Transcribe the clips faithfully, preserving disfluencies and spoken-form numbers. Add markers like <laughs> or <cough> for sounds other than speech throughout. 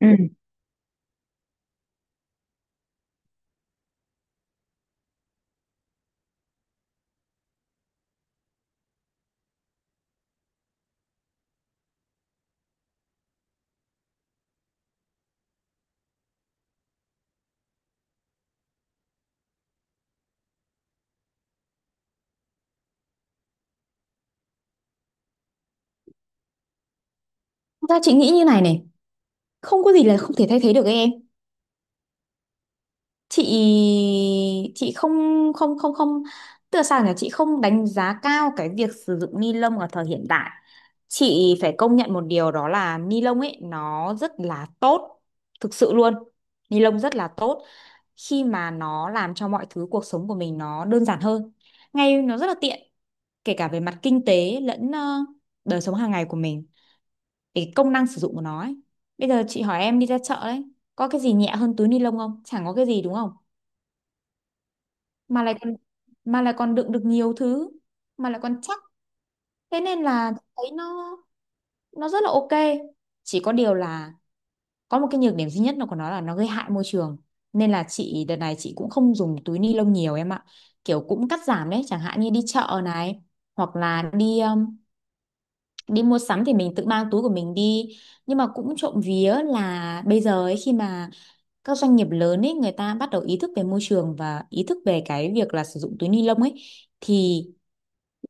Ừ. Thật ra chị nghĩ như này này, không có gì là không thể thay thế được ấy em. Chị chị không không không không tức là sao nhỉ, chị không đánh giá cao cái việc sử dụng ni lông ở thời hiện đại. Chị phải công nhận một điều đó là ni lông ấy nó rất là tốt, thực sự luôn. Ni lông rất là tốt khi mà nó làm cho mọi thứ cuộc sống của mình nó đơn giản hơn, ngay nó rất là tiện, kể cả về mặt kinh tế lẫn ờ, đời sống hàng ngày của mình, cái công năng sử dụng của nó ấy. Bây giờ chị hỏi em đi ra chợ đấy, có cái gì nhẹ hơn túi ni lông không? Chẳng có cái gì đúng không? Mà lại còn mà lại còn đựng được nhiều thứ, mà lại còn chắc. Thế nên là thấy nó nó rất là ok. Chỉ có điều là có một cái nhược điểm duy nhất là của nó là nó gây hại môi trường. Nên là chị đợt này chị cũng không dùng túi ni lông nhiều em ạ. Kiểu cũng cắt giảm đấy, chẳng hạn như đi chợ này hoặc là đi um. đi mua sắm thì mình tự mang túi của mình đi, nhưng mà cũng trộm vía là bây giờ ấy, khi mà các doanh nghiệp lớn ấy người ta bắt đầu ý thức về môi trường và ý thức về cái việc là sử dụng túi ni lông ấy thì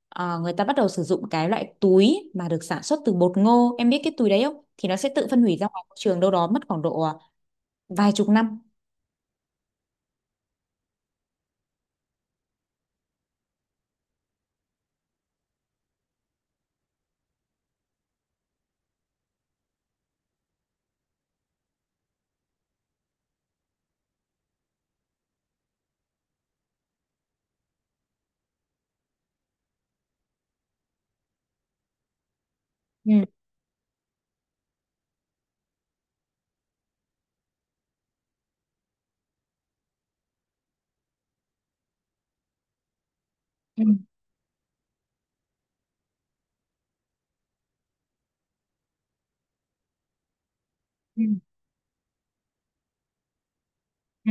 ờ, người ta bắt đầu sử dụng cái loại túi mà được sản xuất từ bột ngô, em biết cái túi đấy không, thì nó sẽ tự phân hủy ra ngoài môi trường đâu đó mất khoảng độ à, vài chục năm. Ừ, ừ, ừ, ừ.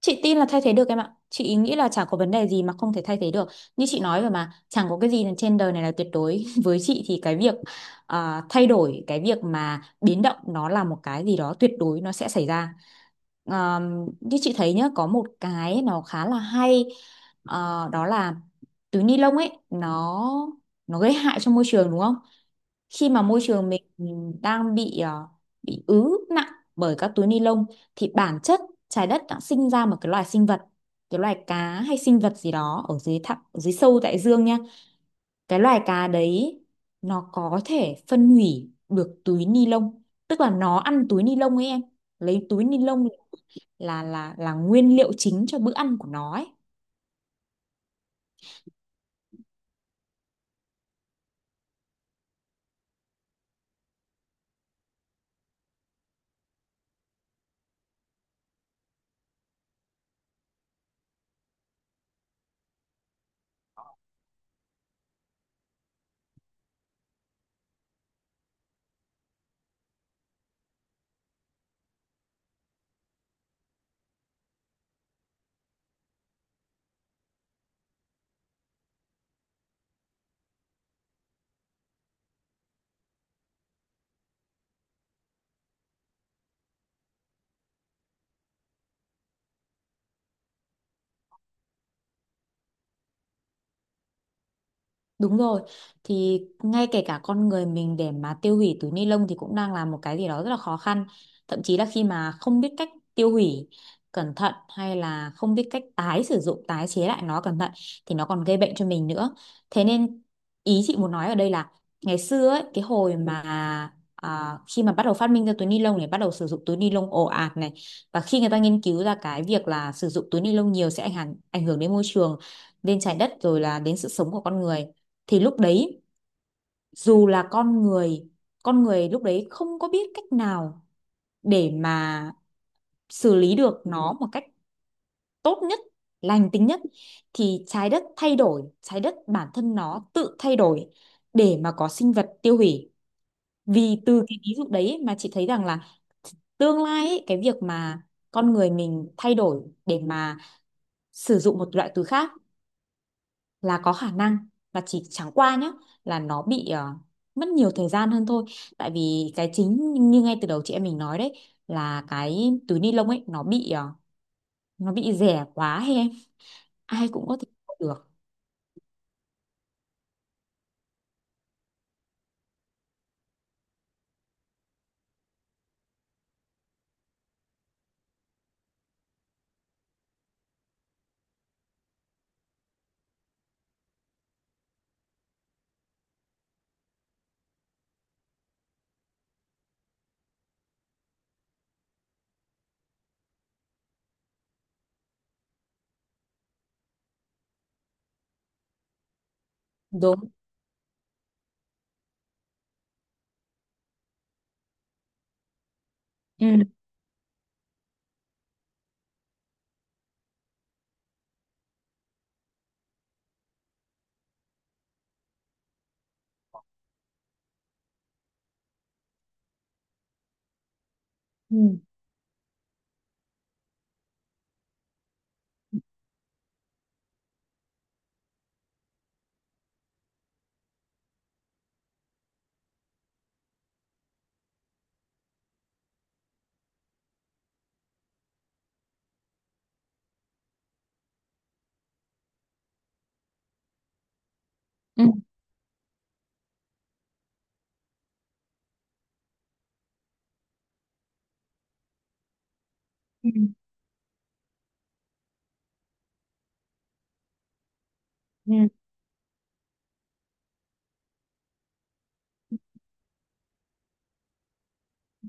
Chị tin là thay thế được em ạ. Chị nghĩ là chả có vấn đề gì mà không thể thay thế được. Như chị nói rồi mà, chẳng có cái gì là trên đời này là tuyệt đối. <laughs> Với chị thì cái việc à, thay đổi, cái việc mà biến động nó là một cái gì đó tuyệt đối nó sẽ xảy ra. À, Như chị thấy nhá, có một cái nó khá là hay, à, đó là túi ni lông ấy nó nó gây hại cho môi trường đúng không? Khi mà môi trường mình đang bị ờ, bị ứ nặng bởi các túi ni lông thì bản chất trái đất đã sinh ra một cái loài sinh vật, cái loài cá hay sinh vật gì đó ở dưới thẳm ở dưới sâu đại dương nha, cái loài cá đấy nó có thể phân hủy được túi ni lông, tức là nó ăn túi ni lông ấy em, lấy túi ni lông là là là nguyên liệu chính cho bữa ăn của nó ấy. Đúng rồi, thì ngay kể cả con người mình để mà tiêu hủy túi ni lông thì cũng đang là một cái gì đó rất là khó khăn. Thậm chí là khi mà không biết cách tiêu hủy cẩn thận hay là không biết cách tái sử dụng, tái chế lại nó cẩn thận thì nó còn gây bệnh cho mình nữa. Thế nên ý chị muốn nói ở đây là ngày xưa ấy, cái hồi mà à, khi mà bắt đầu phát minh ra túi ni lông này, bắt đầu sử dụng túi ni lông ồ ạt này, và khi người ta nghiên cứu ra cái việc là sử dụng túi ni lông nhiều sẽ ảnh hưởng ảnh hưởng đến môi trường, đến trái đất rồi là đến sự sống của con người, thì lúc đấy dù là con người con người lúc đấy không có biết cách nào để mà xử lý được nó một cách tốt nhất, lành tính nhất, thì trái đất thay đổi, trái đất bản thân nó tự thay đổi để mà có sinh vật tiêu hủy. Vì từ cái ví dụ đấy mà chị thấy rằng là tương lai ấy, cái việc mà con người mình thay đổi để mà sử dụng một loại từ khác là có khả năng, là chỉ chẳng qua nhá là nó bị ờ, mất nhiều thời gian hơn thôi, tại vì cái chính như ngay từ đầu chị em mình nói đấy, là cái túi ni lông ấy nó bị ờ, nó bị rẻ quá hay em, ai cũng có thể mua được. Đúng. Ừ, ừ, ừ, ừ, ừ,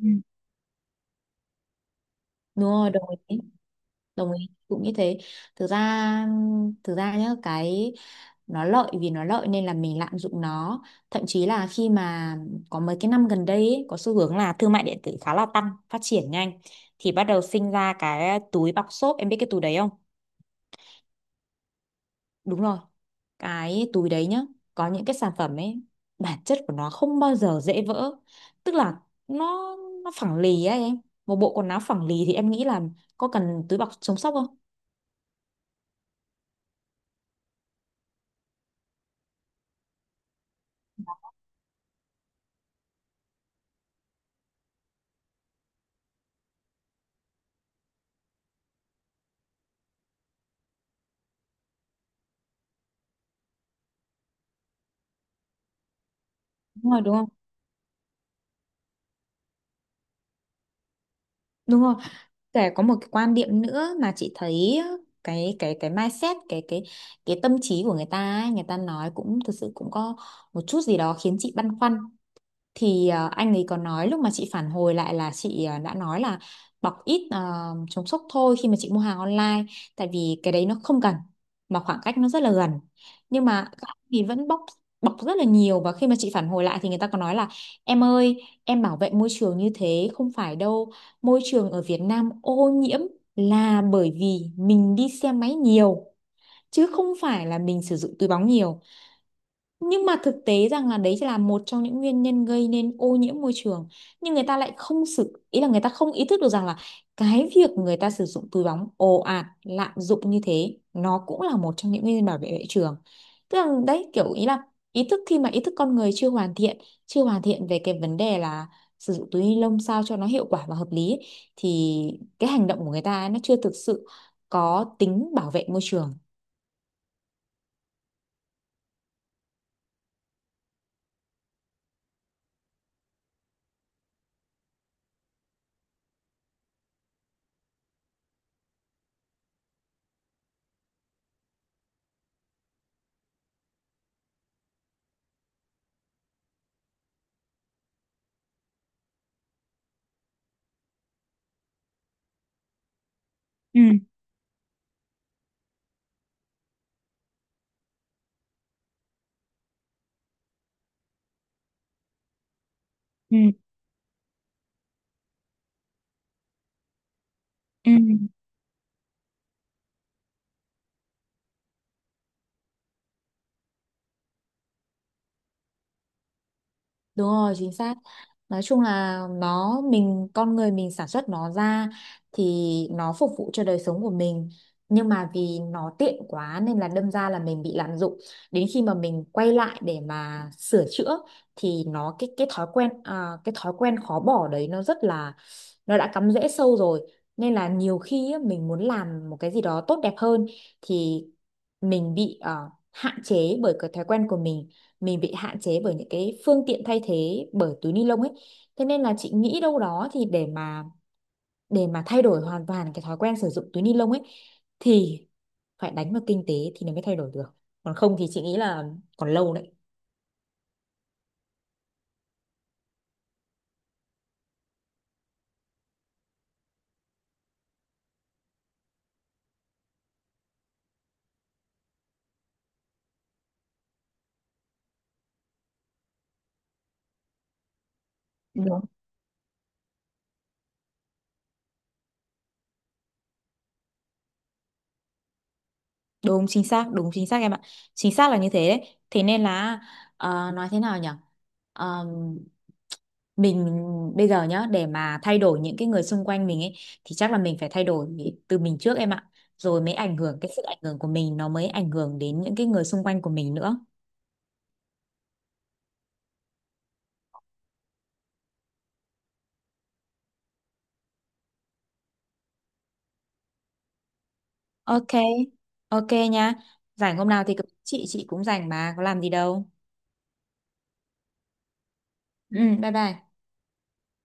ừ. Đúng rồi, đồng ý, đồng ý cũng như thế. Thực ra thực ra nhá cái, nó lợi vì nó lợi nên là mình lạm dụng nó, thậm chí là khi mà có mấy cái năm gần đây ấy, có xu hướng là thương mại điện tử khá là tăng phát triển nhanh, thì bắt đầu sinh ra cái túi bọc xốp, em biết cái túi đấy không? Đúng rồi, cái túi đấy nhá, có những cái sản phẩm ấy bản chất của nó không bao giờ dễ vỡ, tức là nó nó phẳng lì ấy em, một bộ quần áo phẳng lì thì em nghĩ là có cần túi bọc chống sốc không? Đúng rồi, đúng không? Đúng rồi. Kể có một cái quan điểm nữa mà chị thấy, cái cái cái mindset, cái cái cái tâm trí của người ta ấy, người ta nói cũng thực sự cũng có một chút gì đó khiến chị băn khoăn, thì ờ, anh ấy có nói lúc mà chị phản hồi lại là chị ờ, đã nói là bọc ít ờ, chống sốc thôi khi mà chị mua hàng online, tại vì cái đấy nó không cần, mà khoảng cách nó rất là gần, nhưng mà các anh thì vẫn bọc, bọc rất là nhiều, và khi mà chị phản hồi lại thì người ta có nói là em ơi em bảo vệ môi trường như thế không phải đâu, môi trường ở Việt Nam ô nhiễm là bởi vì mình đi xe máy nhiều chứ không phải là mình sử dụng túi bóng nhiều. Nhưng mà thực tế rằng là đấy chỉ là một trong những nguyên nhân gây nên ô nhiễm môi trường. Nhưng người ta lại không sự ý là người ta không ý thức được rằng là cái việc người ta sử dụng túi bóng ồ ạt, lạm dụng như thế nó cũng là một trong những nguyên nhân bảo vệ môi trường. Tức là đấy kiểu ý là ý thức khi mà ý thức con người chưa hoàn thiện, chưa hoàn thiện về cái vấn đề là sử dụng túi ni lông sao cho nó hiệu quả và hợp lý ấy, thì cái hành động của người ta ấy, nó chưa thực sự có tính bảo vệ môi trường. Ừ, ừ, ừ. Đúng rồi, chính xác. Nói chung là nó mình con người mình sản xuất nó ra thì nó phục vụ cho đời sống của mình. Nhưng mà vì nó tiện quá nên là đâm ra là mình bị lạm dụng. Đến khi mà mình quay lại để mà sửa chữa thì nó cái cái thói quen, à, cái thói quen khó bỏ đấy nó rất là, nó đã cắm rễ sâu rồi. Nên là nhiều khi á, mình muốn làm một cái gì đó tốt đẹp hơn thì mình bị ờ, hạn chế bởi cái thói quen của mình mình bị hạn chế bởi những cái phương tiện thay thế bởi túi ni lông ấy. Thế nên là chị nghĩ đâu đó thì để mà để mà thay đổi hoàn toàn cái thói quen sử dụng túi ni lông ấy thì phải đánh vào kinh tế thì nó mới thay đổi được, còn không thì chị nghĩ là còn lâu đấy. Đúng. Đúng chính xác, đúng chính xác em ạ. Chính xác là như thế đấy. Thế nên là ờ, nói thế nào nhỉ? Ờ, mình bây giờ nhá để mà thay đổi những cái người xung quanh mình ấy thì chắc là mình phải thay đổi từ mình trước em ạ. Rồi mới ảnh hưởng, cái sự ảnh hưởng của mình nó mới ảnh hưởng đến những cái người xung quanh của mình nữa. Ok. Ok nha. Rảnh hôm nào thì cứ- chị chị cũng rảnh mà có làm gì đâu. Ừ, bye bye.